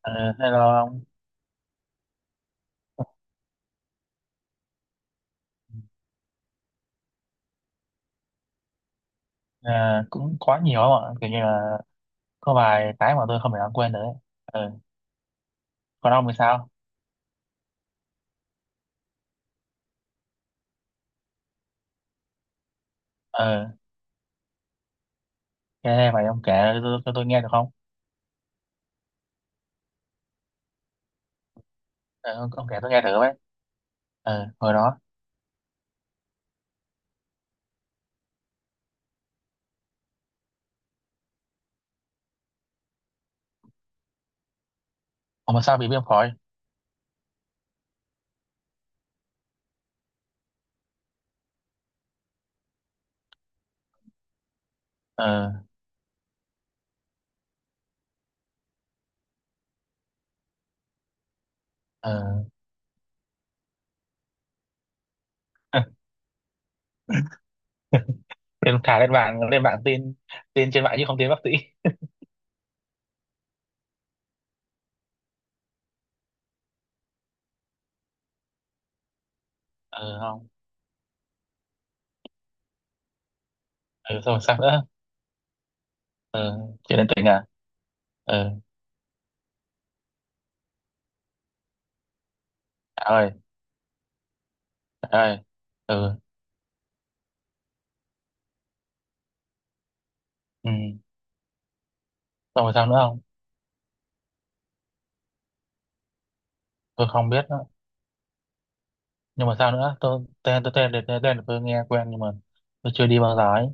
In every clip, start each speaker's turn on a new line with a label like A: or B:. A: Ờ, hello ông. Ờ, cũng quá nhiều không ạ, kiểu như là có vài cái mà tôi không thể nào quên được ấy. Ờ, còn ông thì sao? Ờ, nghe vậy ông kể cho tôi nghe được không? Ờ, ông kể tôi nghe thử với. Ờ, hồi đó ông mà sao bị viêm phổi? ờ ờ Lên thả, lên bảng, lên bảng tin tin trên mạng chứ không tin bác sĩ. Ờ, không. Ờ, xong rồi sao nữa? Ờ, chuyện đến tỉnh à? Ờ, trời ơi. Trời ơi. Ờ. Ừ, xong rồi sao nữa không? Tôi không biết. Nhưng mà sao nữa? Tôi tên tôi tên tên tên, tên là tôi nghe quen, nhưng mà tôi chưa đi bao giờ ấy.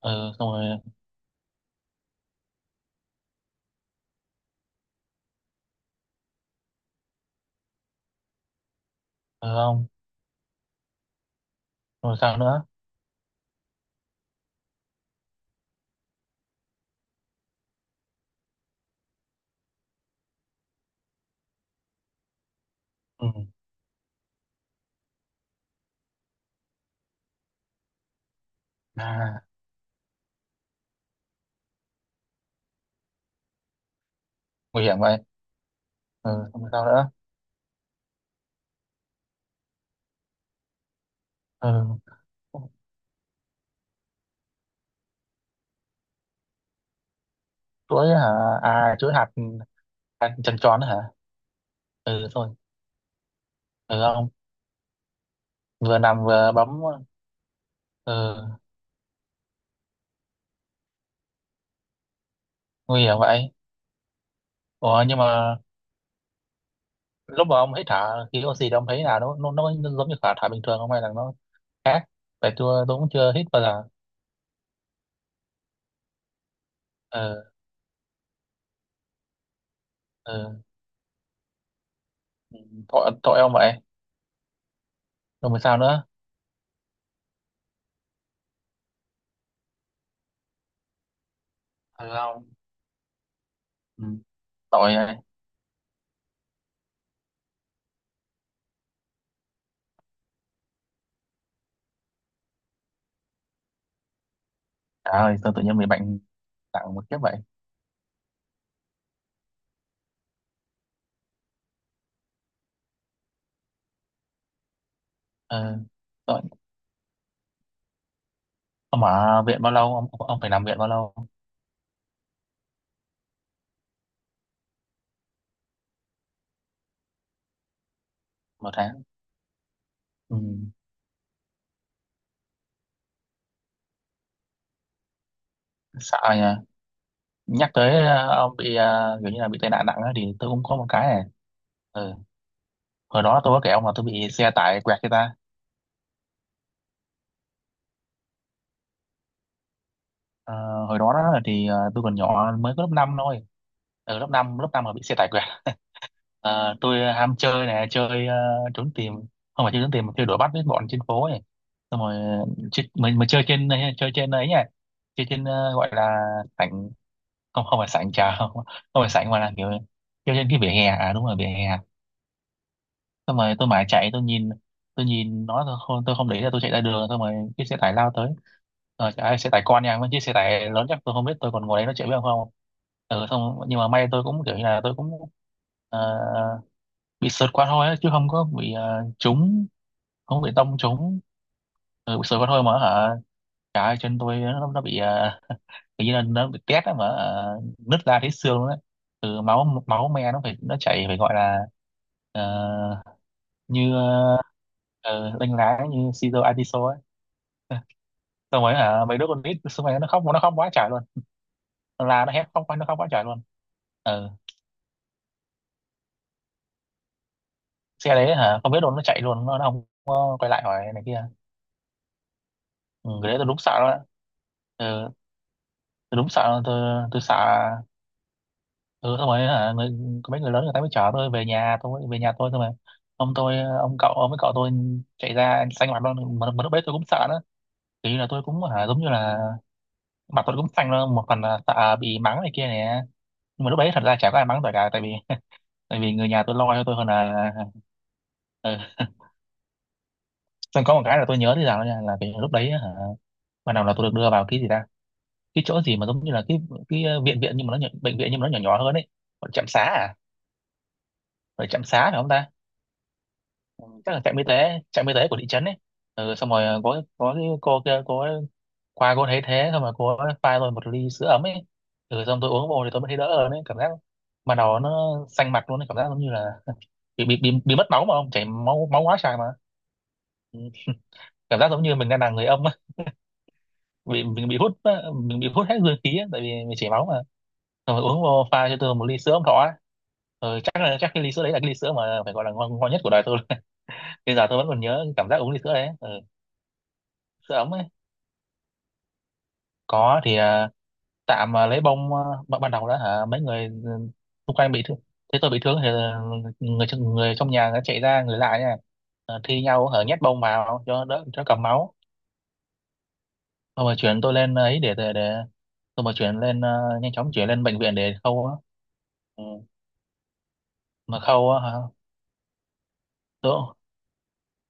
A: Ừ, xong rồi. Ừ, không. Xong rồi sao nữa? Ừ. À, nguy hiểm vậy. Ừ, xong rồi sao nữa? Ừ, chuỗi hả? À, chuỗi hạt. Hạt tròn tròn hả? Ừ, xong rồi. Ừ, không. Vừa nằm vừa bấm? Ừ, nguy hiểm vậy. Ủa, nhưng mà lúc mà ông hít thở khí oxy, thì ông thấy là nó giống như thở thở bình thường không, hay là nó khác? Tại tôi cũng chưa hít bao giờ. Ừ. Ừ, tội tội ông vậy. Rồi mà sao nữa? Long. Ừ, tội ơi. À ơi, sao tự nhiên bị bệnh nặng một kiếp vậy? Ờ, tội. Ông ở viện bao lâu? Ông phải nằm viện bao lâu? Một tháng. Ừ, sợ nhỉ. Nhắc tới ông bị kiểu như là bị tai nạn nặng á, thì tôi cũng có một cái này. Ừ. Hồi đó tôi có kể ông là tôi bị xe tải quẹt người ta. Ờ, hồi đó, đó thì tôi còn nhỏ, mới có lớp 5 thôi. Ở lớp năm mà bị xe tải quẹt. À, tôi ham chơi này, chơi trốn tìm. Không phải chơi trốn tìm, mà chơi đuổi bắt với bọn trên phố ấy. Xong rồi chơi, mình chơi trên, chơi trên ấy nhỉ, chơi trên gọi là sảnh. Không, không phải sảnh trà, không, không phải sảnh, mà là kiểu chơi trên cái vỉa hè. À, đúng rồi, vỉa hè. Xong rồi tôi mãi chạy, tôi nhìn, tôi nhìn nó, tôi không để ý, là tôi chạy ra đường, xong rồi cái xe tải lao tới. Ờ, xe tải con nha, mấy chiếc xe tải lớn chắc tôi không biết, tôi còn ngồi đấy nó chạy, biết không? Ừ, xong nhưng mà may, tôi cũng kiểu như là tôi cũng ờ, bị sượt qua thôi á, chứ không có bị trúng. Không có bị tông trúng. Ừ, bị sượt qua thôi mà hả. Cả chân tôi nó bị tự nhiên nó bị tét á, mà ờ, nứt ra thấy xương luôn đấy. Từ máu máu me nó phải, nó chảy phải gọi là ờ, như đánh lá như Caesar Atiso ấy. Xong rồi hả, mấy đứa con nít xung quanh nó khóc, nó khóc quá trời luôn. Nó la nó hét, khóc quá, nó khóc quá trời luôn. Ừ. Xe đấy hả? Không biết luôn, nó chạy luôn, nó không có quay lại hỏi này kia. Ừ, cái đấy tôi đúng sợ đó. Ừ, tôi đúng sợ luôn, tôi sợ. Ừ, xong rồi hả, có mấy người lớn người ta mới chở tôi về nhà, tôi về nhà tôi thôi mà. Ông tôi, ông cậu, ông với cậu tôi chạy ra xanh mặt luôn, mà lúc đấy tôi cũng sợ nữa, kiểu như là tôi cũng hả, giống như là mặt tôi cũng xanh luôn, một phần là sợ bị mắng này kia nè. Nhưng mà lúc đấy thật ra chả có ai mắng tôi cả, tại vì tại vì người nhà tôi lo cho tôi hơn là. Ừ. Xong có một cái là tôi nhớ thế nào nha, là cái lúc đấy hả, ban đầu là tôi được đưa vào cái gì ta, cái chỗ gì mà giống như là cái viện, viện nhưng mà nó nhỏ, bệnh viện nhưng mà nó nhỏ, nhỏ hơn ấy. Gọi trạm xá à? Ở trạm xá phải không ta? Ừ, chắc là trạm y tế, trạm y tế của thị trấn ấy. Ừ, xong rồi có cái cô kia, cô ấy qua, cô thấy thế, xong rồi cô ấy pha tôi một ly sữa ấm ấy. Ừ, xong tôi uống vô thì tôi mới thấy đỡ hơn ấy, cảm giác mà đầu nó xanh mặt luôn ấy, cảm giác giống như là bị mất máu, mà không chảy máu, máu quá trời mà. Ừ, cảm giác giống như mình đang là người âm á, bị mình bị hút á, mình bị hút hết dương khí á, tại vì mình chảy máu mà. Xong rồi uống vô, pha cho tôi một ly sữa ấm thọ á. Ừ, chắc là chắc cái ly sữa đấy là cái ly sữa mà phải gọi là ngon, ngon nhất của đời tôi. Bây giờ tôi vẫn còn nhớ cái cảm giác uống ly sữa đấy. Ừ. Sữa ống ấy. Có thì à, tạm à, lấy bông à, ban ban đầu đó hả, mấy người ừ, xung quanh bị thương, thế tôi bị thương thì à, người trong nhà nó chạy ra, người lại nha. Ờ, thi nhau hở, nhét bông vào cho đỡ, cho cầm máu. Xong rồi chuyển tôi lên ờ, ấy để xong rồi chuyển lên ờ, nhanh chóng chuyển lên bệnh viện để khâu á. Ừ. Mà khâu á hả? tôi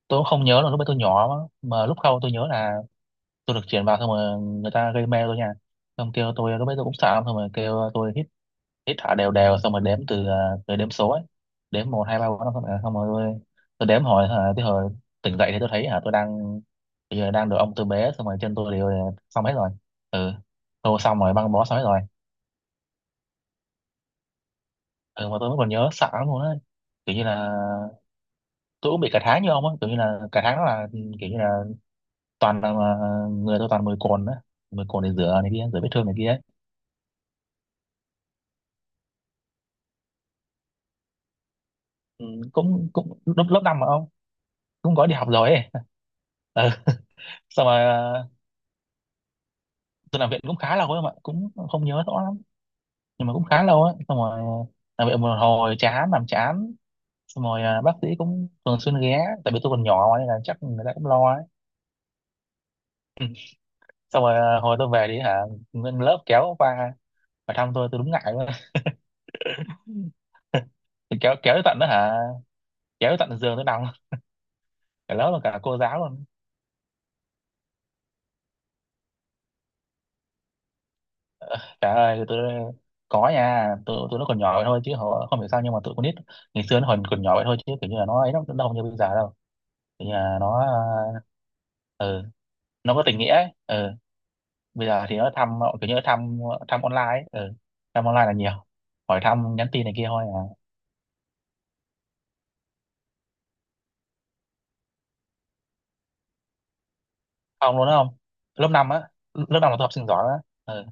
A: tôi cũng không nhớ, là lúc ấy tôi nhỏ mà lúc khâu tôi nhớ là tôi được chuyển vào, xong rồi người ta gây mê tôi nha. Xong kêu tôi, lúc ấy tôi cũng sợ lắm, xong rồi kêu tôi hít thở đều đều, xong rồi đếm từ đếm số ấy, đếm một hai ba bốn năm sáu bảy tám. Xong rồi tôi đếm hồi hả, tới hồi tỉnh dậy, thì tôi thấy hả, tôi đang bây giờ đang được ông tôi bế, xong rồi chân tôi đều đều, xong hết rồi. Ừ, tôi xong rồi băng bó xong hết rồi. Ừ, mà tôi vẫn còn nhớ sợ lắm luôn ấy, kiểu như là tôi cũng bị cả tháng như ông á, kiểu như là cả tháng đó là kiểu như là toàn là người tôi toàn mười cồn á, mười cồn để rửa này kia, rửa vết thương này kia ấy. Ừ, cũng cũng lớp lớp năm mà ông, cũng gói đi học rồi ấy. Ừ, xong rồi ờ, tôi làm viện cũng khá lâu ấy, mà cũng không nhớ rõ lắm, nhưng mà cũng khá lâu ấy. Xong rồi làm viện một hồi chán, làm chán, xong rồi à, bác sĩ cũng thường xuyên ghé, tại vì tôi còn nhỏ mà, nên là chắc người ta cũng lo ấy. Xong rồi à, hồi tôi về đi hả, nguyên lớp kéo qua và thăm tôi đúng ngại luôn. Thì kéo, kéo tới tận đó hả, kéo tới tận giường tôi nằm, cả lớp và cả cô giáo luôn. Trời ơi tôi, có nha, tụi tụi nó còn nhỏ vậy thôi, chứ họ không hiểu sao, nhưng mà tụi con nít ngày xưa nó còn còn nhỏ vậy thôi, chứ kiểu như là nó ấy lắm, nó không như bây giờ đâu. Kiểu như là nó ờ, nó có tình nghĩa ấy. Ừ. Bây giờ thì nó thăm kiểu như nó thăm, thăm online ấy. Ừ. Thăm online là nhiều, hỏi thăm nhắn tin này kia thôi à. Ông luôn đó không. lớp 5 á, lớp 5 là tôi học sinh giỏi á. Ừ.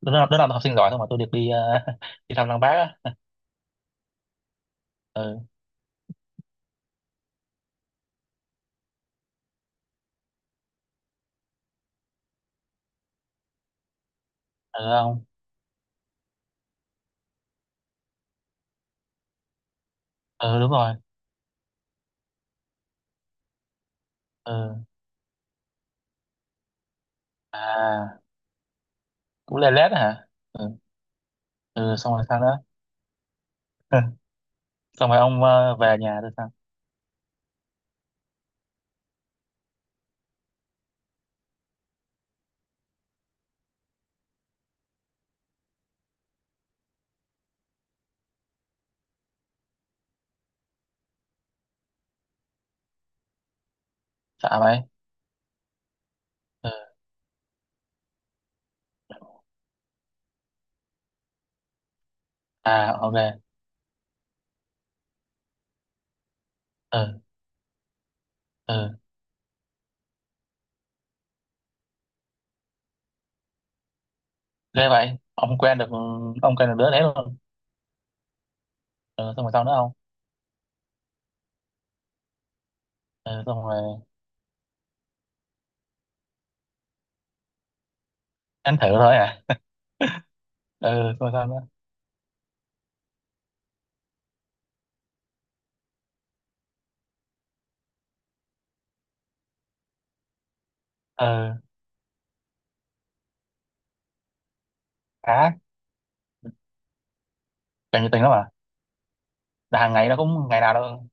A: Lớp năm là học sinh giỏi thôi, mà tôi được đi đi thăm lăng bác á. Ừ. Ừ, không. Ừ, đúng rồi. Ừ. À, cũng lê lết hả. Ừ. Ừ, xong rồi sao nữa. Xong rồi ông về nhà rồi sao? Sợ vậy. Ừ. À, ok. Ừ. Ừ, ghê vậy, ông quen được, ông quen được đứa đấy luôn. Ừ, xong rồi sao nữa không. Ừ, xong rồi. Anh thử thôi à? Ừ, coi sao nữa. Ừ, khá. Kiểu nhiệt tình lắm à? Là hàng ngày nó cũng, ngày nào đâu,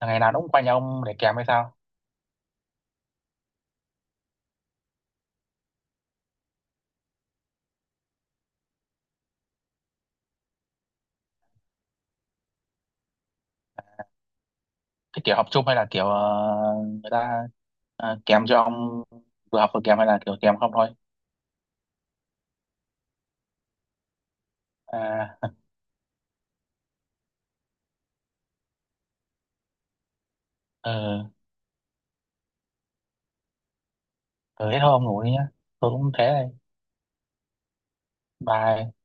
A: là ngày nào nó cũng qua nhà ông để kèm hay sao? Cái kiểu học chung hay là kiểu người ta kèm cho ông, vừa học vừa kèm, hay là kiểu kèm không thôi? À. Ừ. Ừ, thế thôi ông ngủ đi nhá, tôi cũng thế đây. Bye.